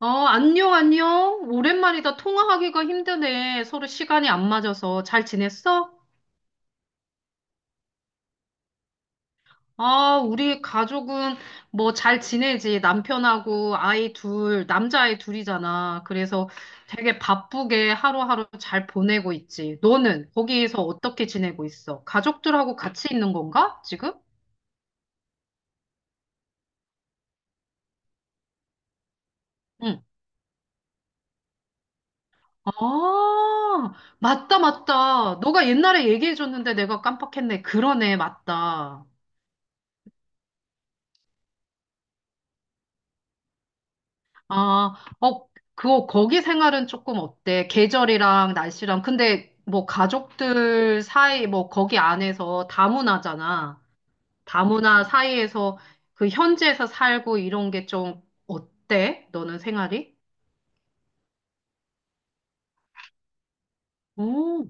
안녕, 안녕. 오랜만이다. 통화하기가 힘드네. 서로 시간이 안 맞아서. 잘 지냈어? 아, 우리 가족은 뭐 잘 지내지. 남편하고 아이 둘, 남자아이 둘이잖아. 그래서 되게 바쁘게 하루하루 잘 보내고 있지. 너는 거기에서 어떻게 지내고 있어? 가족들하고 같이 있는 건가? 지금? 응. 아, 맞다, 맞다. 너가 옛날에 얘기해줬는데 내가 깜빡했네. 그러네, 맞다. 아, 어, 그거, 거기 생활은 조금 어때? 계절이랑 날씨랑. 근데 뭐 가족들 사이, 뭐 거기 안에서 다문화잖아. 다문화 사이에서 그 현지에서 살고 이런 게 좀 어때? 너는 생활이? 오,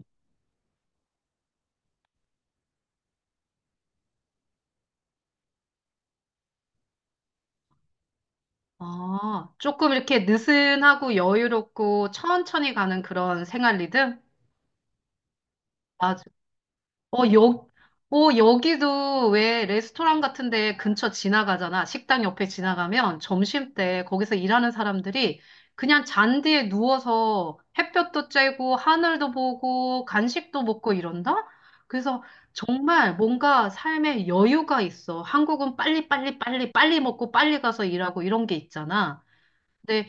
아, 조금 이렇게 느슨하고 여유롭고 천천히 가는 그런 생활 리듬? 어, 여, 여기도 왜 레스토랑 같은데 근처 지나가잖아. 식당 옆에 지나가면 점심때 거기서 일하는 사람들이 그냥 잔디에 누워서 햇볕도 쬐고 하늘도 보고 간식도 먹고 이런다? 그래서 정말 뭔가 삶에 여유가 있어. 한국은 빨리 빨리 빨리 빨리 먹고 빨리 가서 일하고 이런 게 있잖아. 근데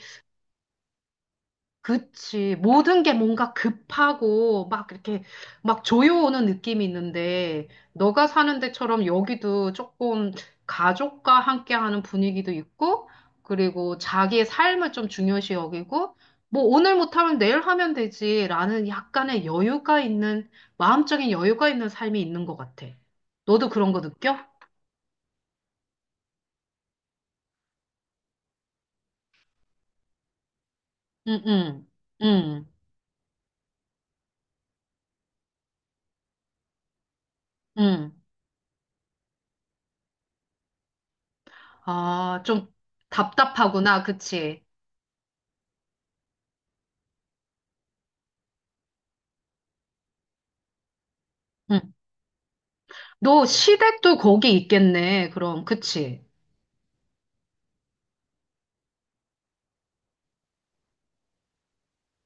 그치. 모든 게 뭔가 급하고 막 이렇게 막 조여오는 느낌이 있는데 너가 사는 데처럼 여기도 조금 가족과 함께하는 분위기도 있고 그리고 자기의 삶을 좀 중요시 여기고 뭐 오늘 못하면 내일 하면 되지라는 약간의 여유가 있는 마음적인 여유가 있는 삶이 있는 것 같아. 너도 그런 거 느껴? 응, 응, 응, 응. 아, 좀 답답하구나. 그치? 응. 너 시댁도 거기 있겠네, 그럼. 그치?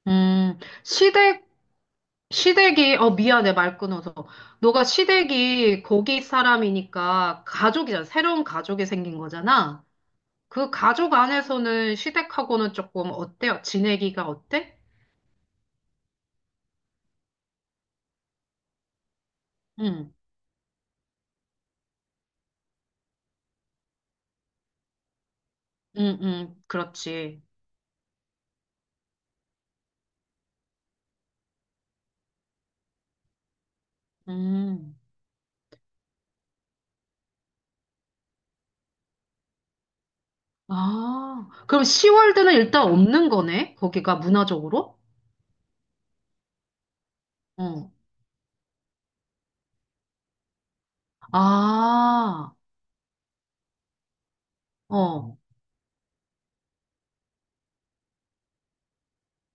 음, 시댁, 시댁이, 미안해, 말 끊어서. 너가 시댁이 거기 사람이니까 가족이잖아. 새로운 가족이 생긴 거잖아. 그 가족 안에서는 시댁하고는 조금 어때요? 지내기가 어때? 응, 응, 응, 그렇지. 음. 아, 그럼 시월드는 일단 없는 거네? 거기가 문화적으로? 어. 아, 어.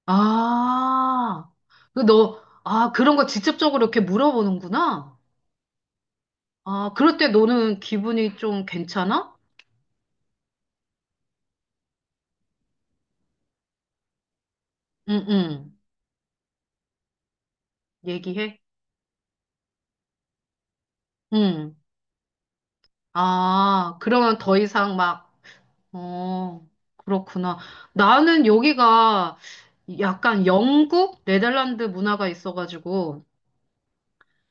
아, 아, 그런 거 직접적으로 이렇게 물어보는구나. 아, 그럴 때 너는 기분이 좀 괜찮아? 응, 응. 얘기해? 응. 아, 그러면 더 이상 막, 어, 그렇구나. 나는 여기가 약간 영국, 네덜란드 문화가 있어가지고,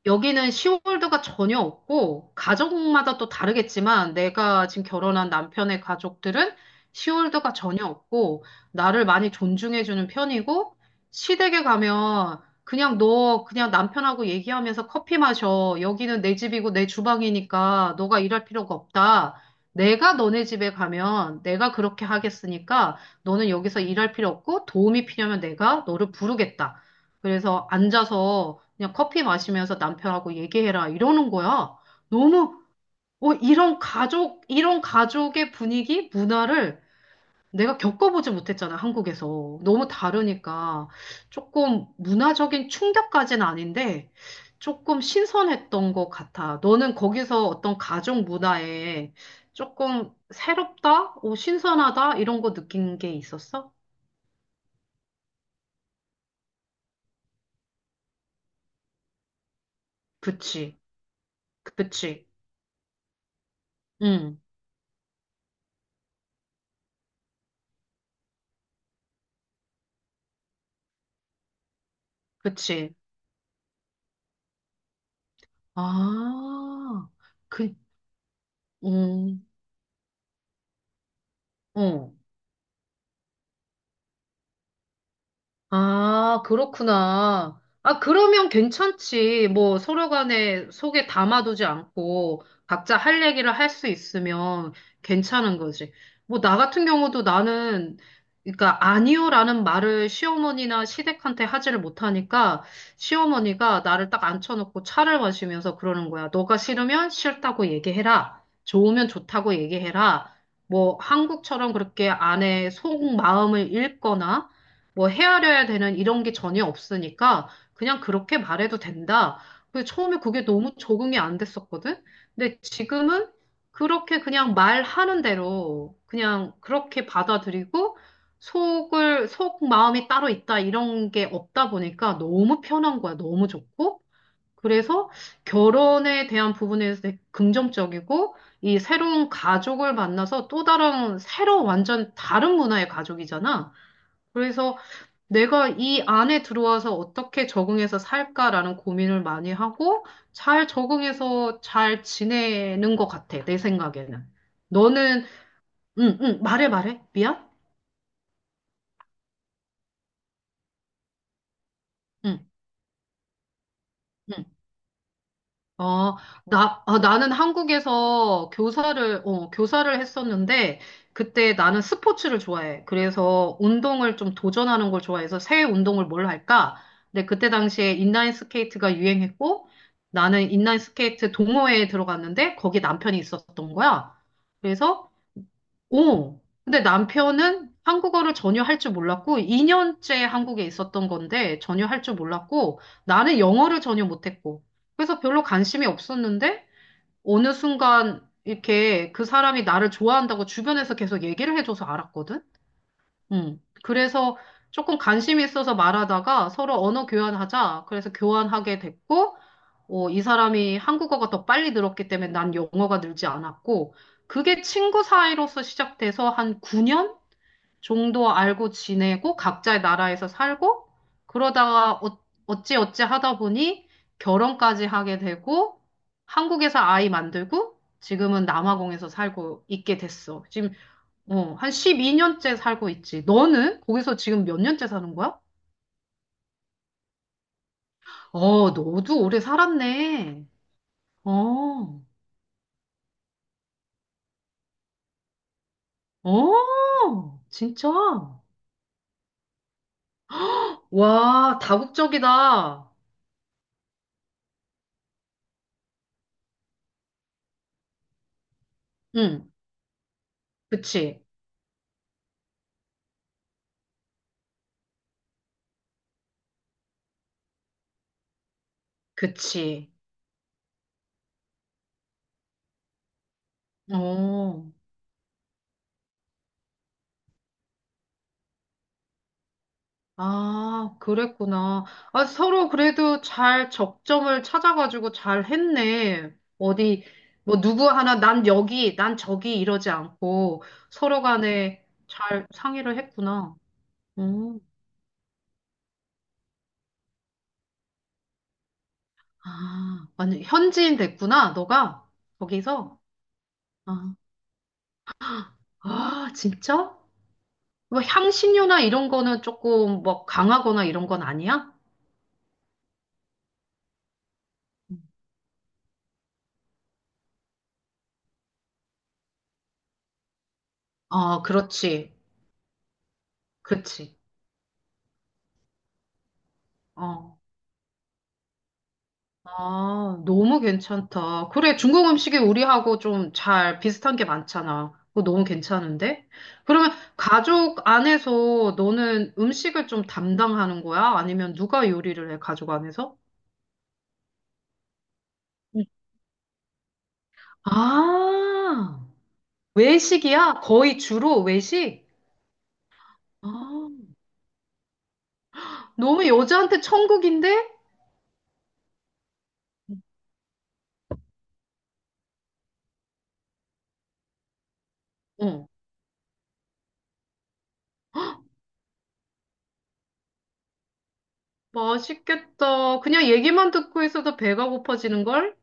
여기는 시월드가 전혀 없고, 가족마다 또 다르겠지만, 내가 지금 결혼한 남편의 가족들은 시월드가 전혀 없고, 나를 많이 존중해주는 편이고, 시댁에 가면, 그냥 남편하고 얘기하면서 커피 마셔. 여기는 내 집이고 내 주방이니까 너가 일할 필요가 없다. 내가 너네 집에 가면 내가 그렇게 하겠으니까 너는 여기서 일할 필요 없고 도움이 필요하면 내가 너를 부르겠다. 그래서 앉아서 그냥 커피 마시면서 남편하고 얘기해라 이러는 거야. 너무 이런 가족 이런 가족의 분위기 문화를 내가 겪어보지 못했잖아. 한국에서 너무 다르니까 조금 문화적인 충격까지는 아닌데 조금 신선했던 것 같아. 너는 거기서 어떤 가족 문화에 조금 새롭다, 오, 신선하다 이런 거 느낀 게 있었어? 그치, 그치, 응, 그치. 아. 그, 음, 응. 아, 그렇구나. 아, 그러면 괜찮지. 뭐, 서로 간에 속에 담아두지 않고 각자 할 얘기를 할 수 있으면 괜찮은 거지. 뭐, 나 같은 경우도 나는, 그러니까, 아니요라는 말을 시어머니나 시댁한테 하지를 못하니까 시어머니가 나를 딱 앉혀놓고 차를 마시면서 그러는 거야. 너가 싫으면 싫다고 얘기해라. 좋으면 좋다고 얘기해라. 뭐, 한국처럼 그렇게 아내의 속마음을 읽거나 뭐 헤아려야 되는 이런 게 전혀 없으니까 그냥 그렇게 말해도 된다. 그 처음에 그게 너무 적응이 안 됐었거든? 근데 지금은 그렇게 그냥 말하는 대로 그냥 그렇게 받아들이고 속 마음이 따로 있다 이런 게 없다 보니까 너무 편한 거야. 너무 좋고. 그래서 결혼에 대한 부분에서 되게 긍정적이고 이 새로운 가족을 만나서 또 다른 새로 완전 다른 문화의 가족이잖아. 그래서 내가 이 안에 들어와서 어떻게 적응해서 살까라는 고민을 많이 하고 잘 적응해서 잘 지내는 것 같아, 내 생각에는. 너는, 응, 응, 말해, 말해. 미안? 응. 응. 아, 아, 나는 한국에서 교사를 했었는데, 그때 나는 스포츠를 좋아해. 그래서 운동을 좀 도전하는 걸 좋아해서 새 운동을 뭘 할까? 근데 그때 당시에 인라인 스케이트가 유행했고, 나는 인라인 스케이트 동호회에 들어갔는데, 거기 남편이 있었던 거야. 그래서 오, 근데 남편은 한국어를 전혀 할 줄 몰랐고, 2년째 한국에 있었던 건데, 전혀 할 줄 몰랐고, 나는 영어를 전혀 못했고, 그래서 별로 관심이 없었는데, 어느 순간 이렇게 그 사람이 나를 좋아한다고 주변에서 계속 얘기를 해줘서 알았거든? 음. 그래서 조금 관심이 있어서 말하다가 서로 언어 교환하자. 그래서 교환하게 됐고, 어, 이 사람이 한국어가 더 빨리 늘었기 때문에 난 영어가 늘지 않았고, 그게 친구 사이로서 시작돼서 한 9년 정도 알고 지내고, 각자의 나라에서 살고, 그러다가 어, 어찌 어찌 하다 보니 결혼까지 하게 되고, 한국에서 아이 만들고, 지금은 남아공에서 살고 있게 됐어. 지금 어, 한 12년째 살고 있지. 너는 거기서 지금 몇 년째 사는 거야? 어, 너도 오래 살았네. 어, 어, 진짜? 와, 다국적이다. 응, 그치, 그치. 어, 아, 그랬구나. 아, 서로 그래도 잘 적점을 찾아가지고 잘 했네. 어디, 뭐, 누구 하나, 난 여기, 난 저기 이러지 않고 서로 간에 잘 상의를 했구나. 어, 아, 완전 현지인 됐구나, 너가. 거기서. 아, 아, 진짜? 뭐 향신료나 이런 거는 조금 뭐 강하거나 이런 건 아니야? 아, 그렇지. 그렇지. 어, 아, 너무 괜찮다. 그래, 중국 음식이 우리하고 좀 잘 비슷한 게 많잖아. 그거 너무 괜찮은데? 그러면 가족 안에서 너는 음식을 좀 담당하는 거야? 아니면 누가 요리를 해, 가족 안에서? 응. 아, 외식이야? 거의 주로 외식? 아, 너무 여자한테 천국인데? 어, 맛있겠다. 그냥 얘기만 듣고 있어도 배가 고파지는걸?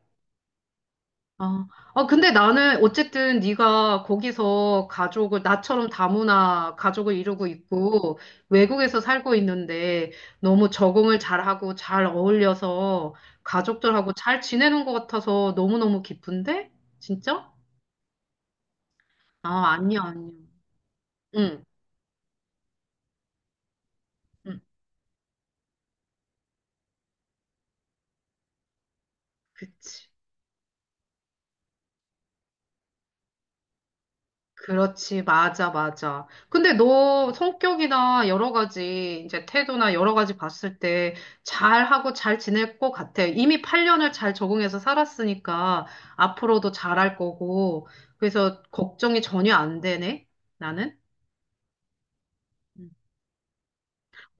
아, 아, 근데 나는 어쨌든 네가 거기서 가족을 나처럼 다문화 가족을 이루고 있고 외국에서 살고 있는데 너무 적응을 잘하고 잘 어울려서 가족들하고 잘 지내는 것 같아서 너무너무 기쁜데? 진짜? 아, 아니야, 아니야. 응, 응, 그치. 그렇지, 맞아, 맞아. 근데 너 성격이나 여러 가지, 이제 태도나 여러 가지 봤을 때 잘하고 잘 지낼 것 같아. 이미 8년을 잘 적응해서 살았으니까 앞으로도 잘 할 거고. 그래서 걱정이 전혀 안 되네, 나는. 음.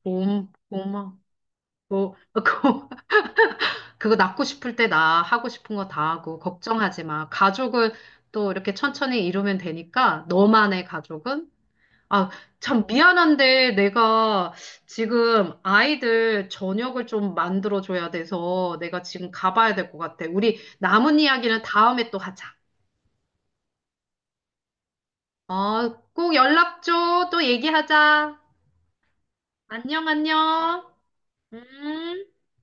고마, 고마, 고, 고, 그거 낳고 싶을 때 나 하고 싶은 거 다 하고, 걱정하지 마. 가족은 또 이렇게 천천히 이루면 되니까, 너만의 가족은 아, 참 미안한데 내가 지금 아이들 저녁을 좀 만들어줘야 돼서 내가 지금 가봐야 될 것 같아. 우리 남은 이야기는 다음에 또 하자. 어, 꼭 연락 줘. 또 얘기하자. 안녕, 안녕. 음.